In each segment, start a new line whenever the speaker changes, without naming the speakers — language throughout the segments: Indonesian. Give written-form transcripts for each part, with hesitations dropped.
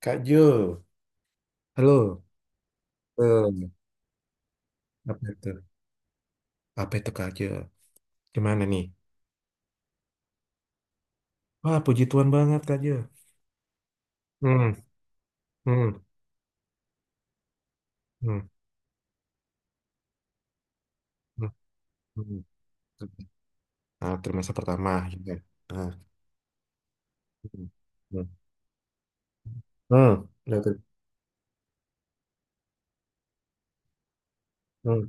Kak Jo, halo. Eh, Apa itu? Apa itu Kak Jo? Gimana nih? Wah, puji Tuhan banget Kak Jo. Hmm, hmm, hmm, hmm, hmm. Nah, trimester pertama. Gitu. Nah, hmm, hmm, hmm, udah tuh. Hmm.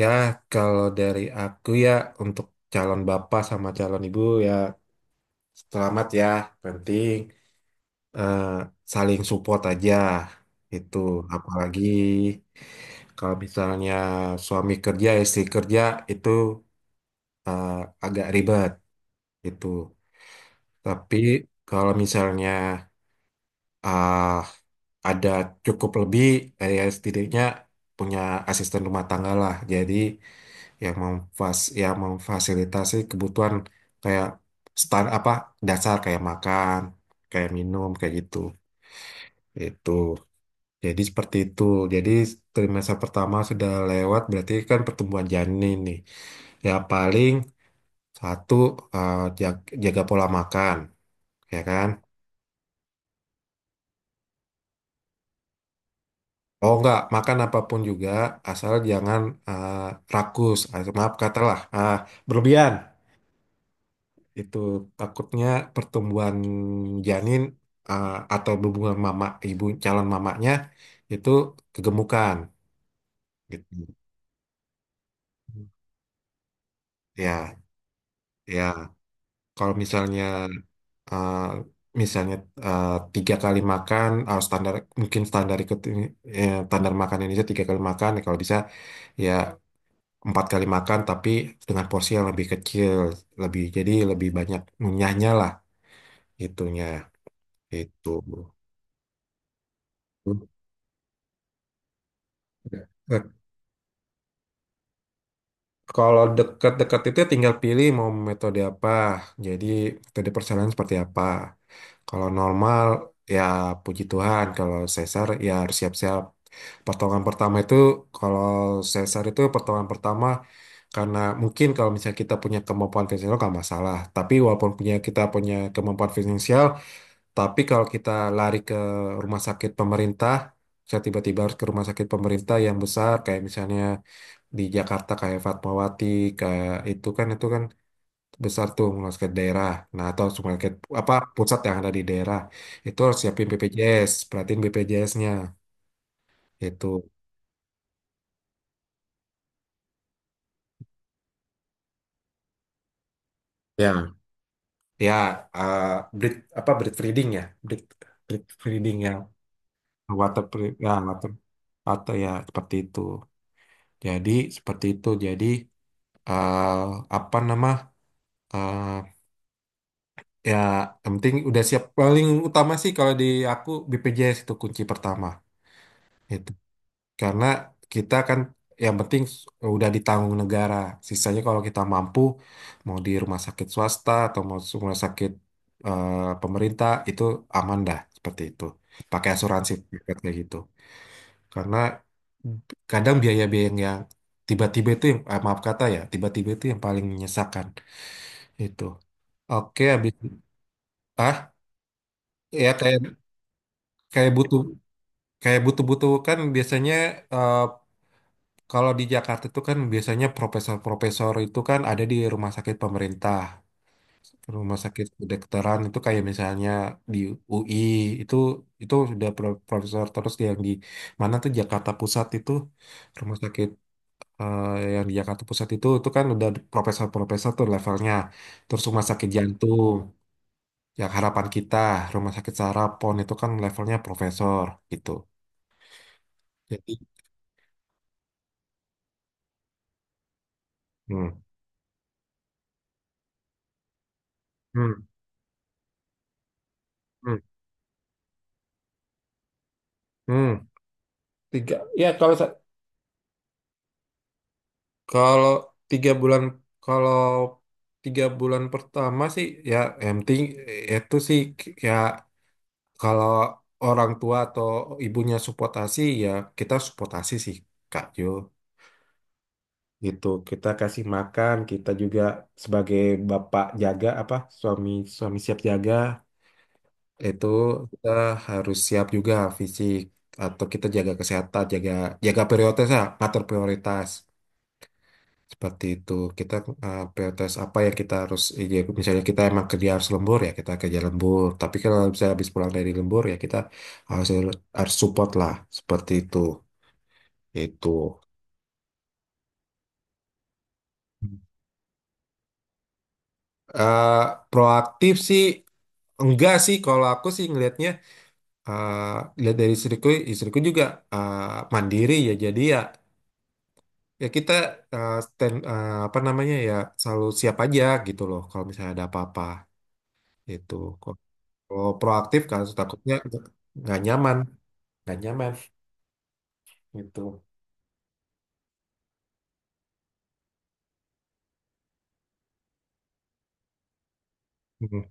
Ya, kalau dari aku ya untuk calon bapak sama calon ibu ya selamat ya, penting. eh, Saling support aja itu apalagi kalau misalnya suami kerja istri kerja itu eh, agak ribet itu tapi kalau misalnya ah, ada cukup lebih ya setidaknya punya asisten rumah tangga lah, jadi yang memfasilitasi kebutuhan kayak start apa dasar kayak makan kayak minum kayak gitu itu. Jadi seperti itu. Jadi trimester pertama sudah lewat, berarti kan pertumbuhan janin nih. Ya paling satu jaga pola makan, ya kan? Oh enggak, makan apapun juga asal jangan eh, rakus, ah, maaf katalah ah, berlebihan. Itu takutnya pertumbuhan janin eh, atau hubungan mama ibu calon mamanya itu kegemukan gitu. Ya, ya. Kalau misalnya uh, misalnya uh, tiga kali makan standar mungkin standar ikut ini standar makan Indonesia tiga kali makan ya kalau bisa ya 4 kali makan tapi dengan porsi yang lebih kecil, lebih jadi lebih banyak ngunyahnya lah itunya itu. Eh, Kalau dekat-dekat itu ya tinggal pilih mau metode apa. Jadi metode persalinan seperti apa. Kalau normal ya puji Tuhan. Kalau sesar ya harus siap-siap. Pertolongan pertama itu kalau sesar itu pertolongan pertama karena mungkin kalau misalnya kita punya kemampuan finansial nggak masalah. Tapi walaupun punya kemampuan finansial, tapi kalau kita lari ke rumah sakit pemerintah, saya tiba-tiba harus ke rumah sakit pemerintah yang besar kayak misalnya di Jakarta kayak Fatmawati, kayak itu kan besar tuh rumah sakit daerah. Nah, atau rumah sakit apa pusat yang ada di daerah. Itu harus siapin BPJS, perhatiin BPJS-nya itu. Ya. Ya eh, breed breed breeding yang water water atau ya jadi seperti itu jadi eh, apa nama eh, ya yang penting udah siap paling utama sih kalau di aku BPJS itu kunci pertama. Karena kita kan yang penting udah ditanggung negara. Sisanya kalau kita mampu mau di rumah sakit swasta atau mau di rumah sakit pemerintah itu aman dah seperti itu. Pakai asuransi privat kayak gitu. Karena kadang biaya-biaya yang tiba-tiba itu yang maaf kata ya, tiba-tiba itu yang paling menyesakan itu. Oke, habis ah ya kayak kayak butuh kayak butuh-butuh kan biasanya eh, kalau di Jakarta itu kan biasanya profesor-profesor itu kan ada di rumah sakit pemerintah, rumah sakit kedokteran itu kayak misalnya di UI itu itu sudah profesor terus yang di mana tuh Jakarta Pusat itu rumah sakit eh, yang di Jakarta Pusat itu kan udah profesor-profesor tuh levelnya. Terus rumah sakit jantung yang harapan kita, rumah sakit saraf PON itu kan levelnya profesor gitu. Jadi, hmm, hmm, hmm, hmm. Tiga. Ya kalau Kalau tiga bulan kalau tiga bulan pertama sih ya yang penting itu sih ya kalau orang tua atau ibunya supportasi ya kita supportasi sih Kak Jo gitu kita kasih makan kita juga sebagai bapak jaga apa suami suami siap jaga itu kita harus siap juga fisik atau kita jaga kesehatan jaga jaga prioritas ya, ngatur prioritas. Seperti itu, kita prioritas apa yang kita harus, ya, misalnya kita emang kerja harus lembur ya, kita kerja lembur. Tapi kalau misalnya habis pulang dari lembur ya kita harus, harus support lah, seperti itu. Itu. eh proaktif sih enggak sih kalau aku sih ngelihatnya eh lihat dari istriku istriku juga eh, mandiri ya jadi ya kita apa namanya ya selalu siap aja gitu loh kalau misalnya ada apa-apa itu. Kalau proaktif kan takutnya nggak nyaman, nggak nyaman gitu. Hmm.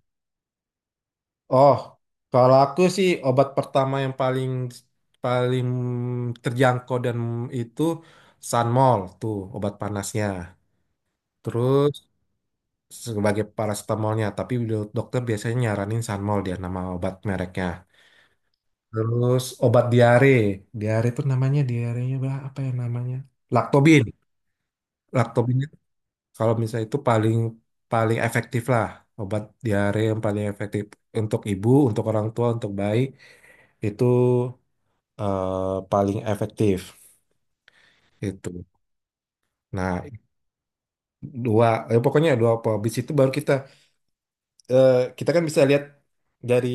Oh, kalau aku sih obat pertama yang paling paling terjangkau dan itu Sanmol tuh obat panasnya. Terus sebagai paracetamolnya, tapi dokter biasanya nyaranin Sanmol dia nama obat mereknya. Terus obat diare, diare itu namanya diarenya apa ya namanya? Laktobin. Laktobin kalau misalnya itu paling paling efektif lah obat diare yang paling efektif untuk ibu, untuk orang tua, untuk bayi itu paling efektif itu. Nah, dua pokoknya dua apa, habis itu baru kita kita kan bisa lihat dari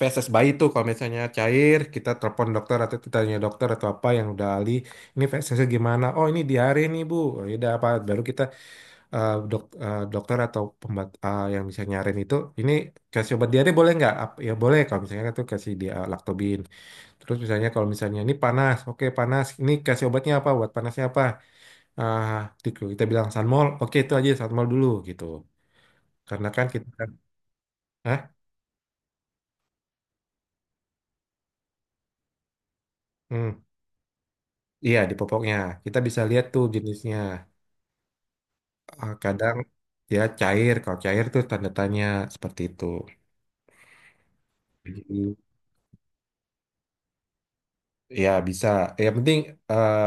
feses bayi tuh kalau misalnya cair kita telepon dokter atau kita tanya dokter atau apa yang udah ahli ini fesesnya gimana oh ini diare nih bu. Oh, ya udah apa baru kita dokter atau yang bisa nyarin itu ini kasih obat diare boleh nggak? Ya boleh kalau misalnya itu kasih dia laktobin. Terus misalnya kalau misalnya ini panas, oke panas. Ini kasih obatnya apa? Buat panasnya apa? Ah, kita bilang Sanmol, oke itu aja Sanmol dulu gitu. Karena kan kita kan, hah? Hmm. Iya di popoknya kita bisa lihat tuh jenisnya. Ah, kadang ya cair, kalau cair tuh tanda tanya seperti itu. Jadi, ya bisa. Yang penting eh,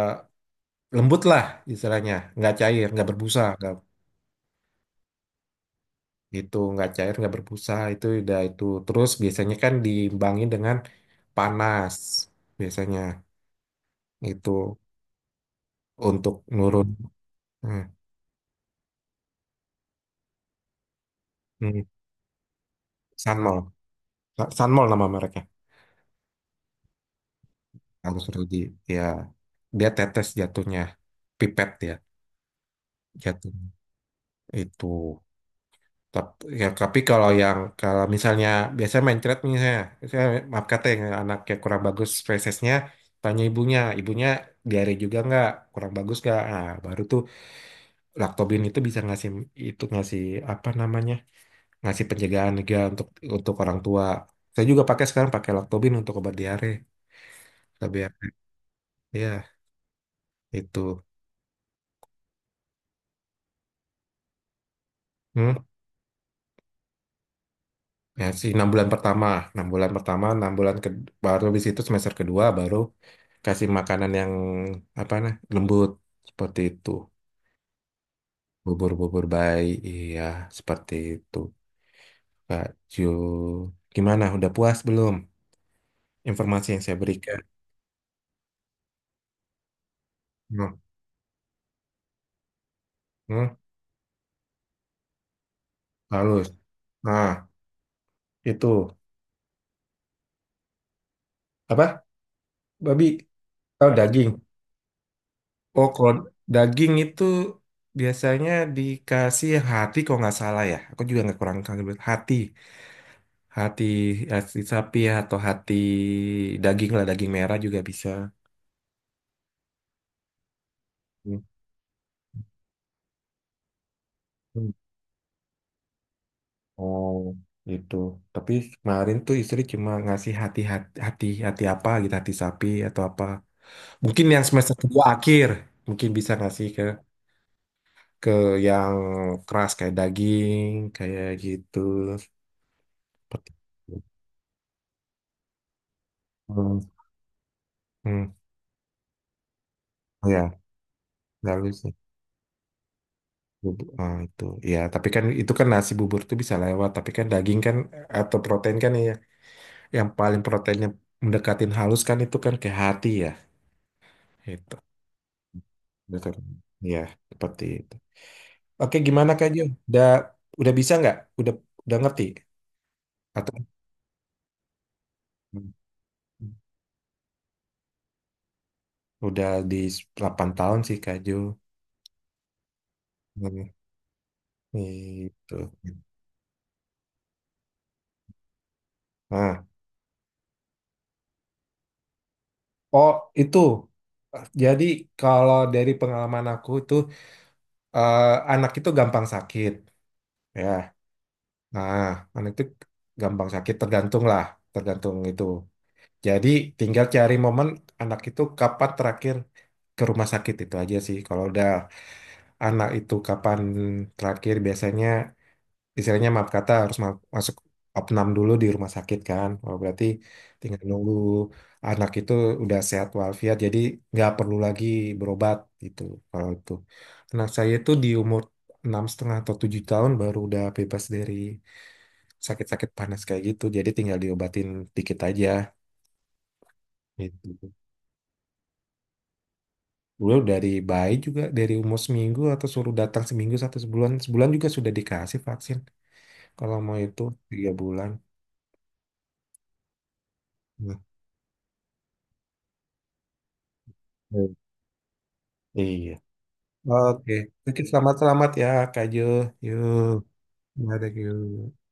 lembut lah istilahnya nggak cair nggak berbusa nggak itu nggak cair nggak berbusa itu udah itu terus biasanya kan diimbangin dengan panas biasanya itu untuk nurun. hmm. hmm. Sanmol Sanmol nama mereka harus ready ya dia tetes jatuhnya pipet ya jatuh itu. Tap- Ya, tapi kalau yang kalau misalnya biasanya main trade misalnya, saya maaf kata yang anaknya kurang bagus spesiesnya, tanya ibunya, ibunya diare juga nggak kurang bagus nggak, nah, baru tuh Lactobin itu bisa ngasih itu ngasih apa namanya ngasih penjagaan juga untuk orang tua. Saya juga pakai sekarang pakai Lactobin untuk obat diare, tapi ya itu. Hmm? Ya sih 6 bulan pertama enam bulan ke, baru di situ semester kedua baru kasih makanan yang apa nah lembut seperti itu bubur-bubur bayi iya seperti itu Kak Ju gimana udah puas belum informasi yang saya berikan. hmm, hmm, halus nah itu apa babi oh daging oh kalau daging itu biasanya dikasih hati kalau nggak salah ya aku juga nggak kurang kurang hati. Hati, hati sapi ya, atau hati daging lah, daging merah juga bisa. Hmm. Oh, gitu. Tapi kemarin tuh istri cuma ngasih hati hati hati, hati apa gitu, hati sapi atau apa. Mungkin yang semester kedua akhir, mungkin bisa ngasih ke yang keras kayak daging, kayak gitu. Seperti itu. Hmm. Hmm. Oh ya, lalu sih. Bubur, ah, itu ya tapi kan itu kan nasi bubur tuh bisa lewat tapi kan daging kan atau protein kan ya, yang paling proteinnya mendekatin halus kan itu kan ke hati ya itu dekat ya seperti itu. Oke gimana Kak Jo udah udah bisa nggak udah udah ngerti atau udah di 8 tahun sih Kak Jo. Hmm, itu nah oh itu jadi kalau dari pengalaman aku itu eh, anak itu gampang sakit ya nah anak itu gampang sakit tergantung lah tergantung itu. Jadi tinggal cari momen anak itu kapan terakhir ke rumah sakit itu aja sih. Kalau udah anak itu kapan terakhir biasanya istilahnya maaf kata harus masuk opnam dulu di rumah sakit kan. Oh, berarti tinggal nunggu anak itu udah sehat walafiat jadi nggak perlu lagi berobat gitu kalau itu. Anak saya itu di umur 6,5 atau 7 tahun baru udah bebas dari sakit-sakit panas kayak gitu. Jadi tinggal diobatin dikit aja gitu. Beliau dari bayi juga dari umur seminggu atau suruh datang seminggu satu sebulan sebulan juga sudah dikasih vaksin kalau mau itu 3 bulan. Nah, hmm. Iya. Oke, oke, selamat-selamat ya Kak Jo. Yuk, ada yuk.